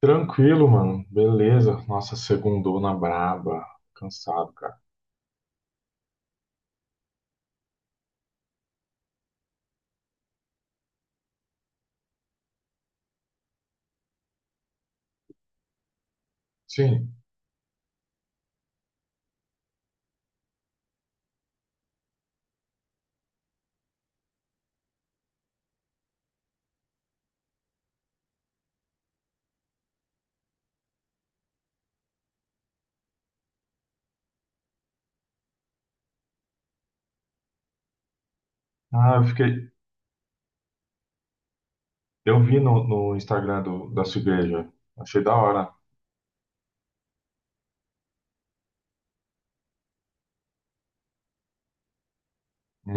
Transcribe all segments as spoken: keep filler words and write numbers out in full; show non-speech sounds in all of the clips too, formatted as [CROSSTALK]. Tranquilo, mano. Beleza. Nossa, segundou na braba. Cansado, cara. Sim. Ah, eu fiquei. Eu vi no, no Instagram do, da sua igreja. Achei da hora.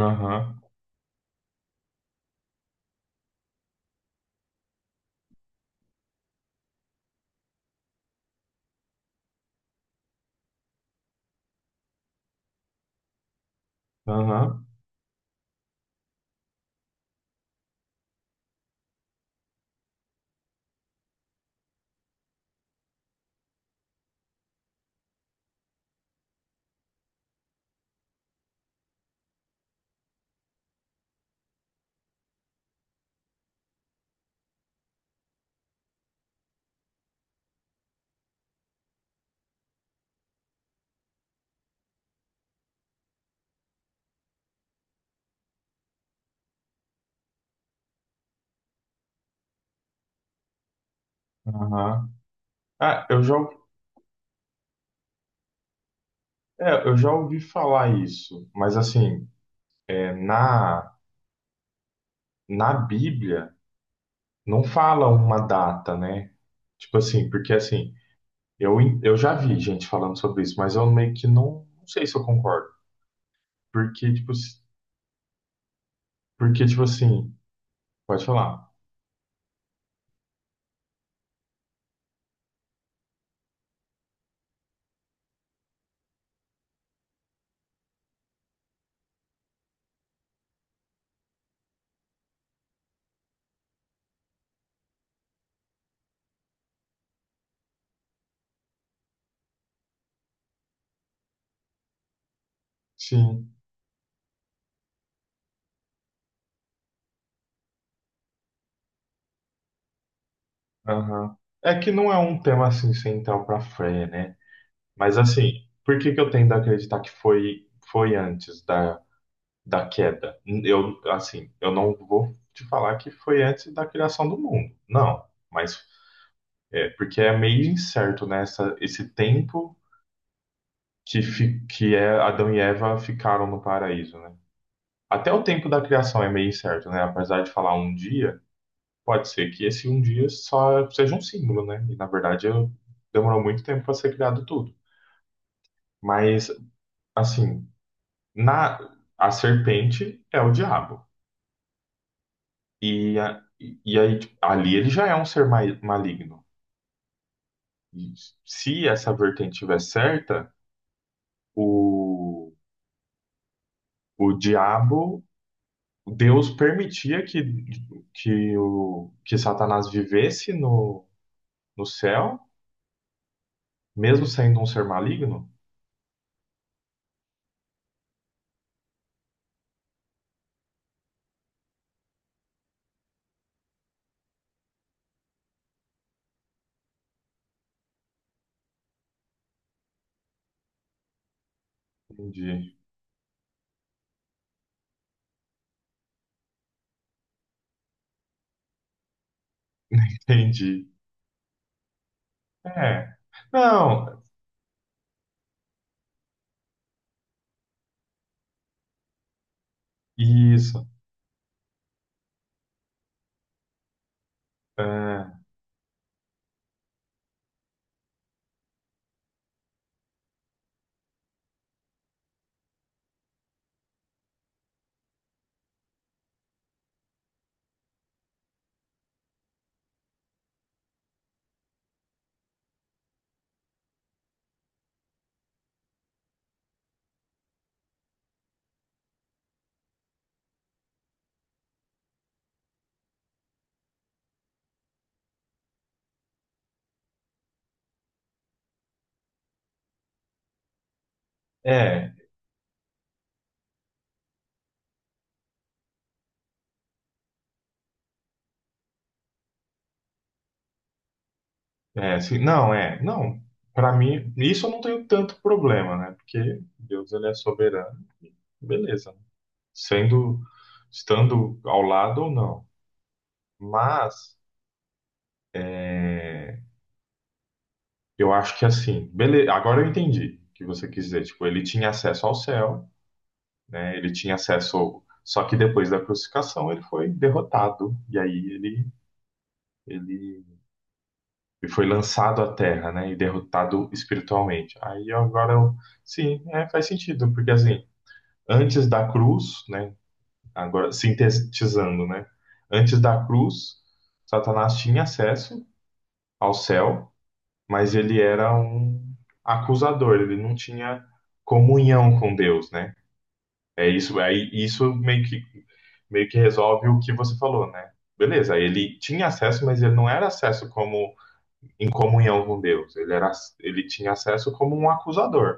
Aham, aham, aham. Ah, eu já, é, eu já ouvi falar isso, mas assim, é, na, na Bíblia não fala uma data, né? Tipo assim, porque assim, eu, en- eu já vi gente falando sobre isso, mas eu meio que não, não sei se eu concordo. Porque, tipo, s- porque, tipo assim. Pode falar. Sim. Aham. É que não é um tema assim central para a Freya, né? Mas assim, por que que eu tendo a acreditar que foi foi antes da, da queda? Eu assim, eu não vou te falar que foi antes da criação do mundo. Não, mas é porque é meio incerto nessa esse tempo que fi, que é Adão e Eva ficaram no paraíso, né? Até o tempo da criação é meio incerto, né? Apesar de falar um dia. Pode ser que esse um dia só seja um símbolo, né? E na verdade eu- demorou muito tempo para ser criado tudo. Mas assim, na a serpente é o diabo e, a- e e aí tipo, ali ele já é um ser ma- maligno. E se essa vertente estiver certa, o, o diabo, Deus permitia que que o que Satanás vivesse no no céu, mesmo sendo um ser maligno. Entendi, [LAUGHS] entendi. É. Não, isso. É, é, é sim, não, é, não. Para mim, isso eu não tenho tanto problema, né? Porque Deus ele é soberano, beleza. Sendo, estando ao lado ou não. Mas é, eu acho que assim, beleza. Agora eu entendi o que você quis dizer. Tipo, ele tinha acesso ao céu, né? Ele tinha acesso. Só que depois da crucificação ele foi derrotado e aí ele ele e foi lançado à terra, né, e derrotado espiritualmente. Aí agora eu, sim, é, faz sentido, porque assim, antes da cruz, né, agora sintetizando, né, antes da cruz, Satanás tinha acesso ao céu, mas ele era um acusador, ele não tinha comunhão com Deus, né? É isso, aí isso meio que meio que resolve o que você falou, né? Beleza, ele tinha acesso, mas ele não era acesso como em comunhão com Deus. Ele era, ele tinha acesso como um acusador.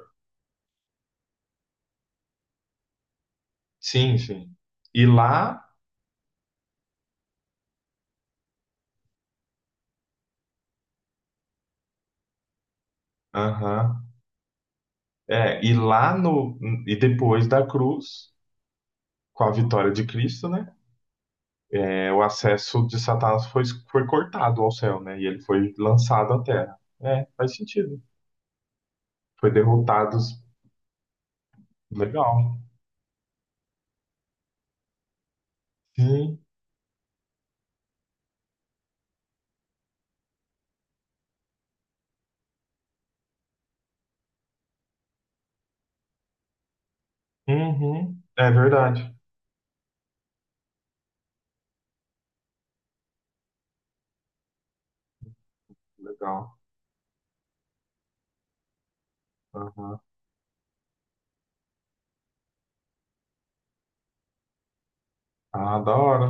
Sim, sim. E lá, aham, é, e lá no e depois da cruz, com a vitória de Cristo, né? É, o acesso de Satanás foi foi cortado ao céu, né? E ele foi lançado à terra. É, faz sentido. Foi derrotado. Legal. Sim. Uhum. É verdade. Legal. Aham. Ah, da hora.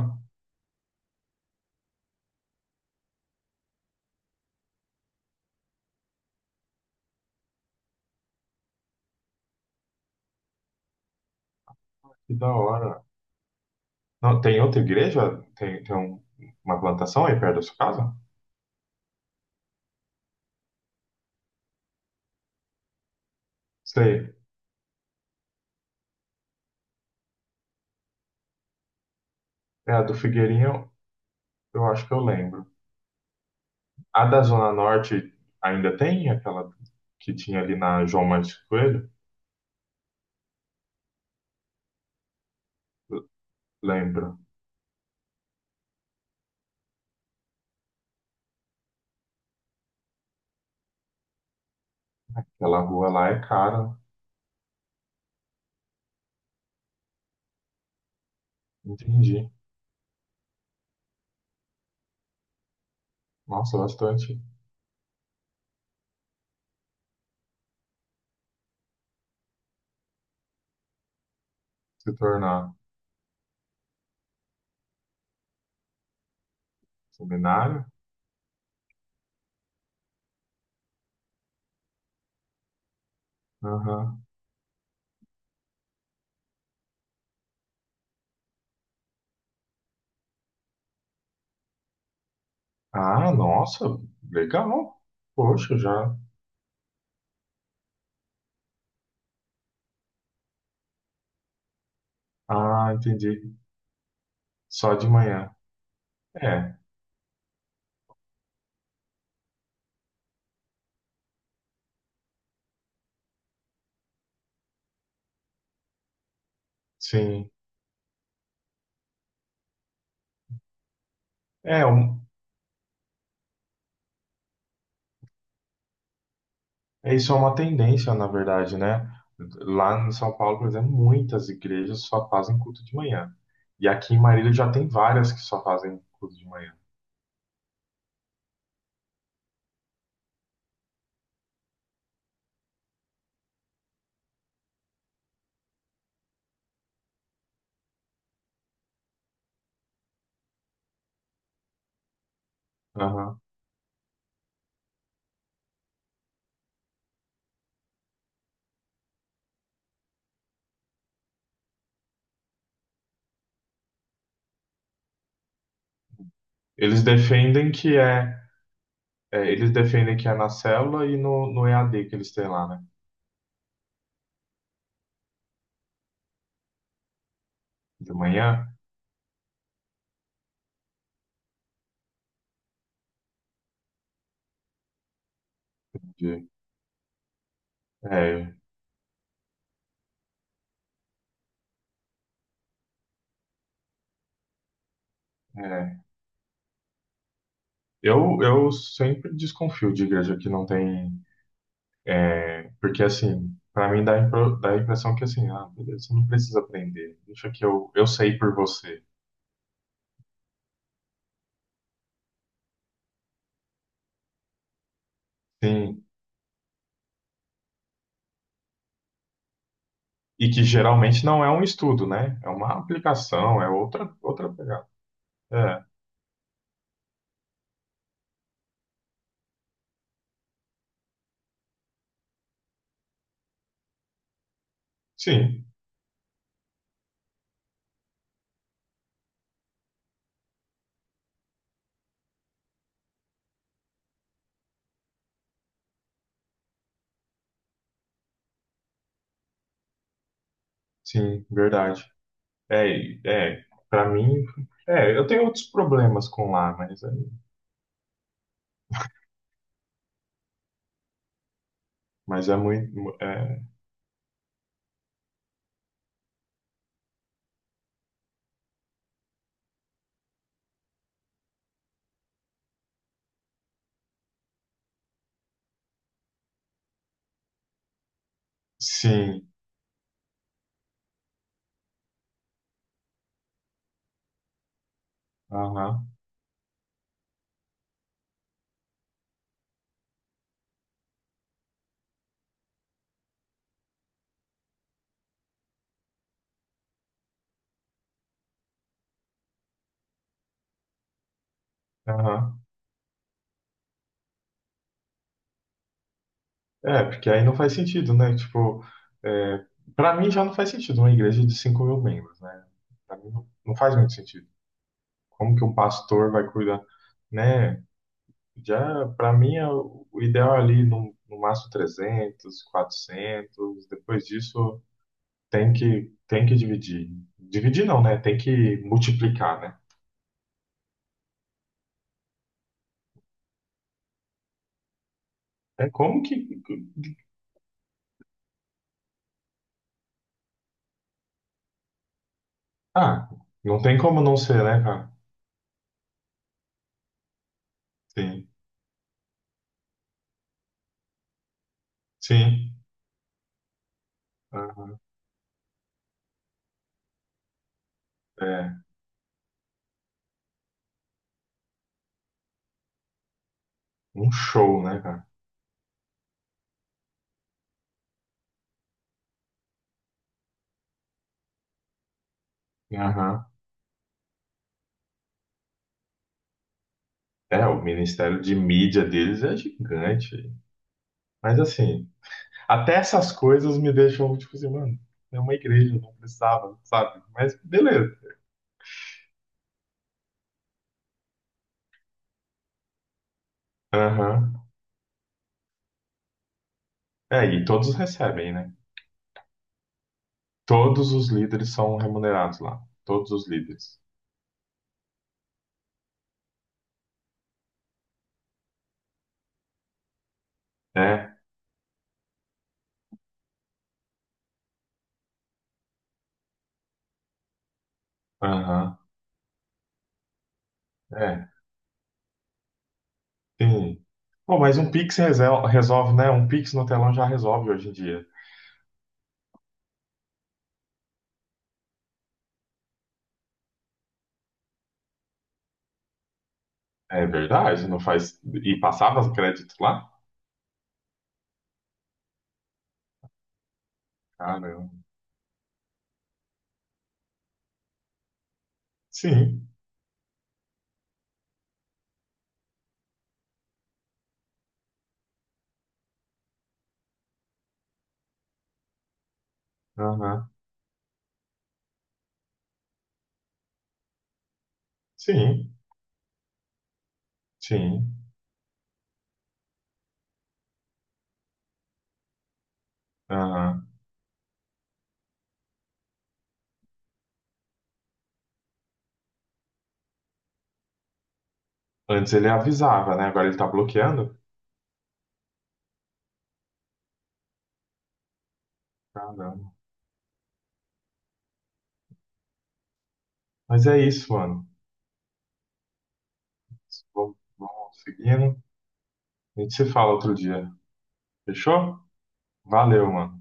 Que da hora. Não, tem outra igreja? Tem, tem um- uma plantação aí perto da sua casa? Sei. É a do Figueirinho, eu acho que eu lembro. A da Zona Norte ainda tem? Aquela que tinha ali na João Martins Coelho? L- Lembro. Aquela rua lá é cara. Entendi. Nossa, bastante. Se tornar seminário? Aham. Ah, nossa, legal. Poxa, já. Ah, entendi. Só de manhã. É, sim. É, um. É, isso é uma tendência, na verdade, né? Lá em São Paulo, por exemplo, muitas igrejas só fazem culto de manhã. E aqui em Marília já tem várias que só fazem culto de manhã. Aham. Eles defendem que é, é, eles defendem que é na célula e no, no E A D que eles têm lá, né? De manhã. de- é, é. Eu, eu sempre desconfio de igreja que não tem, é, porque assim, para mim dá, a impro- dá a impressão que assim, ah, beleza, você não precisa aprender. Deixa que eu, eu sei por você. Sim, e que geralmente não é um estudo, né? É uma aplicação, é outra, outra pegada. É, sim, sim, verdade. É, e- é, para mim, é, eu tenho outros problemas com lá, mas é, mas é muito, é, sim, aham, aham. É, porque aí não faz sentido, né? Tipo, é, para mim já não faz sentido uma igreja de cinco mil membros, né? Para mim não, não faz muito sentido. Como que um pastor vai cuidar, né? Já, para mim, é o o ideal é ali no, no máximo trezentos, quatrocentos. Depois disso, tem que, tem que dividir. Dividir não, né? Tem que multiplicar, né? É como que. Ah, não tem como não ser, né, cara? Sim, sim. Ah, é um show, né, cara? Aham. É, o Ministério de Mídia deles é gigante. Mas assim, até essas coisas me deixam, tipo assim, mano, é uma igreja, não precisava, sabe? Mas beleza. Aham. É, e todos recebem, né? Todos os líderes são remunerados lá. Todos os líderes. É, aham, é, sim. Bom, mas um Pix resel- resolve, né? Um Pix no telão já resolve hoje em dia. É verdade, não faz. E passava os créditos lá? Caramba. Sim, aham, sim, sim, aham. Antes ele avisava, né? Agora ele tá bloqueando? Caramba. Mas é isso, mano. Vamos vamos seguindo. A gente se fala outro dia. Fechou? Valeu, mano.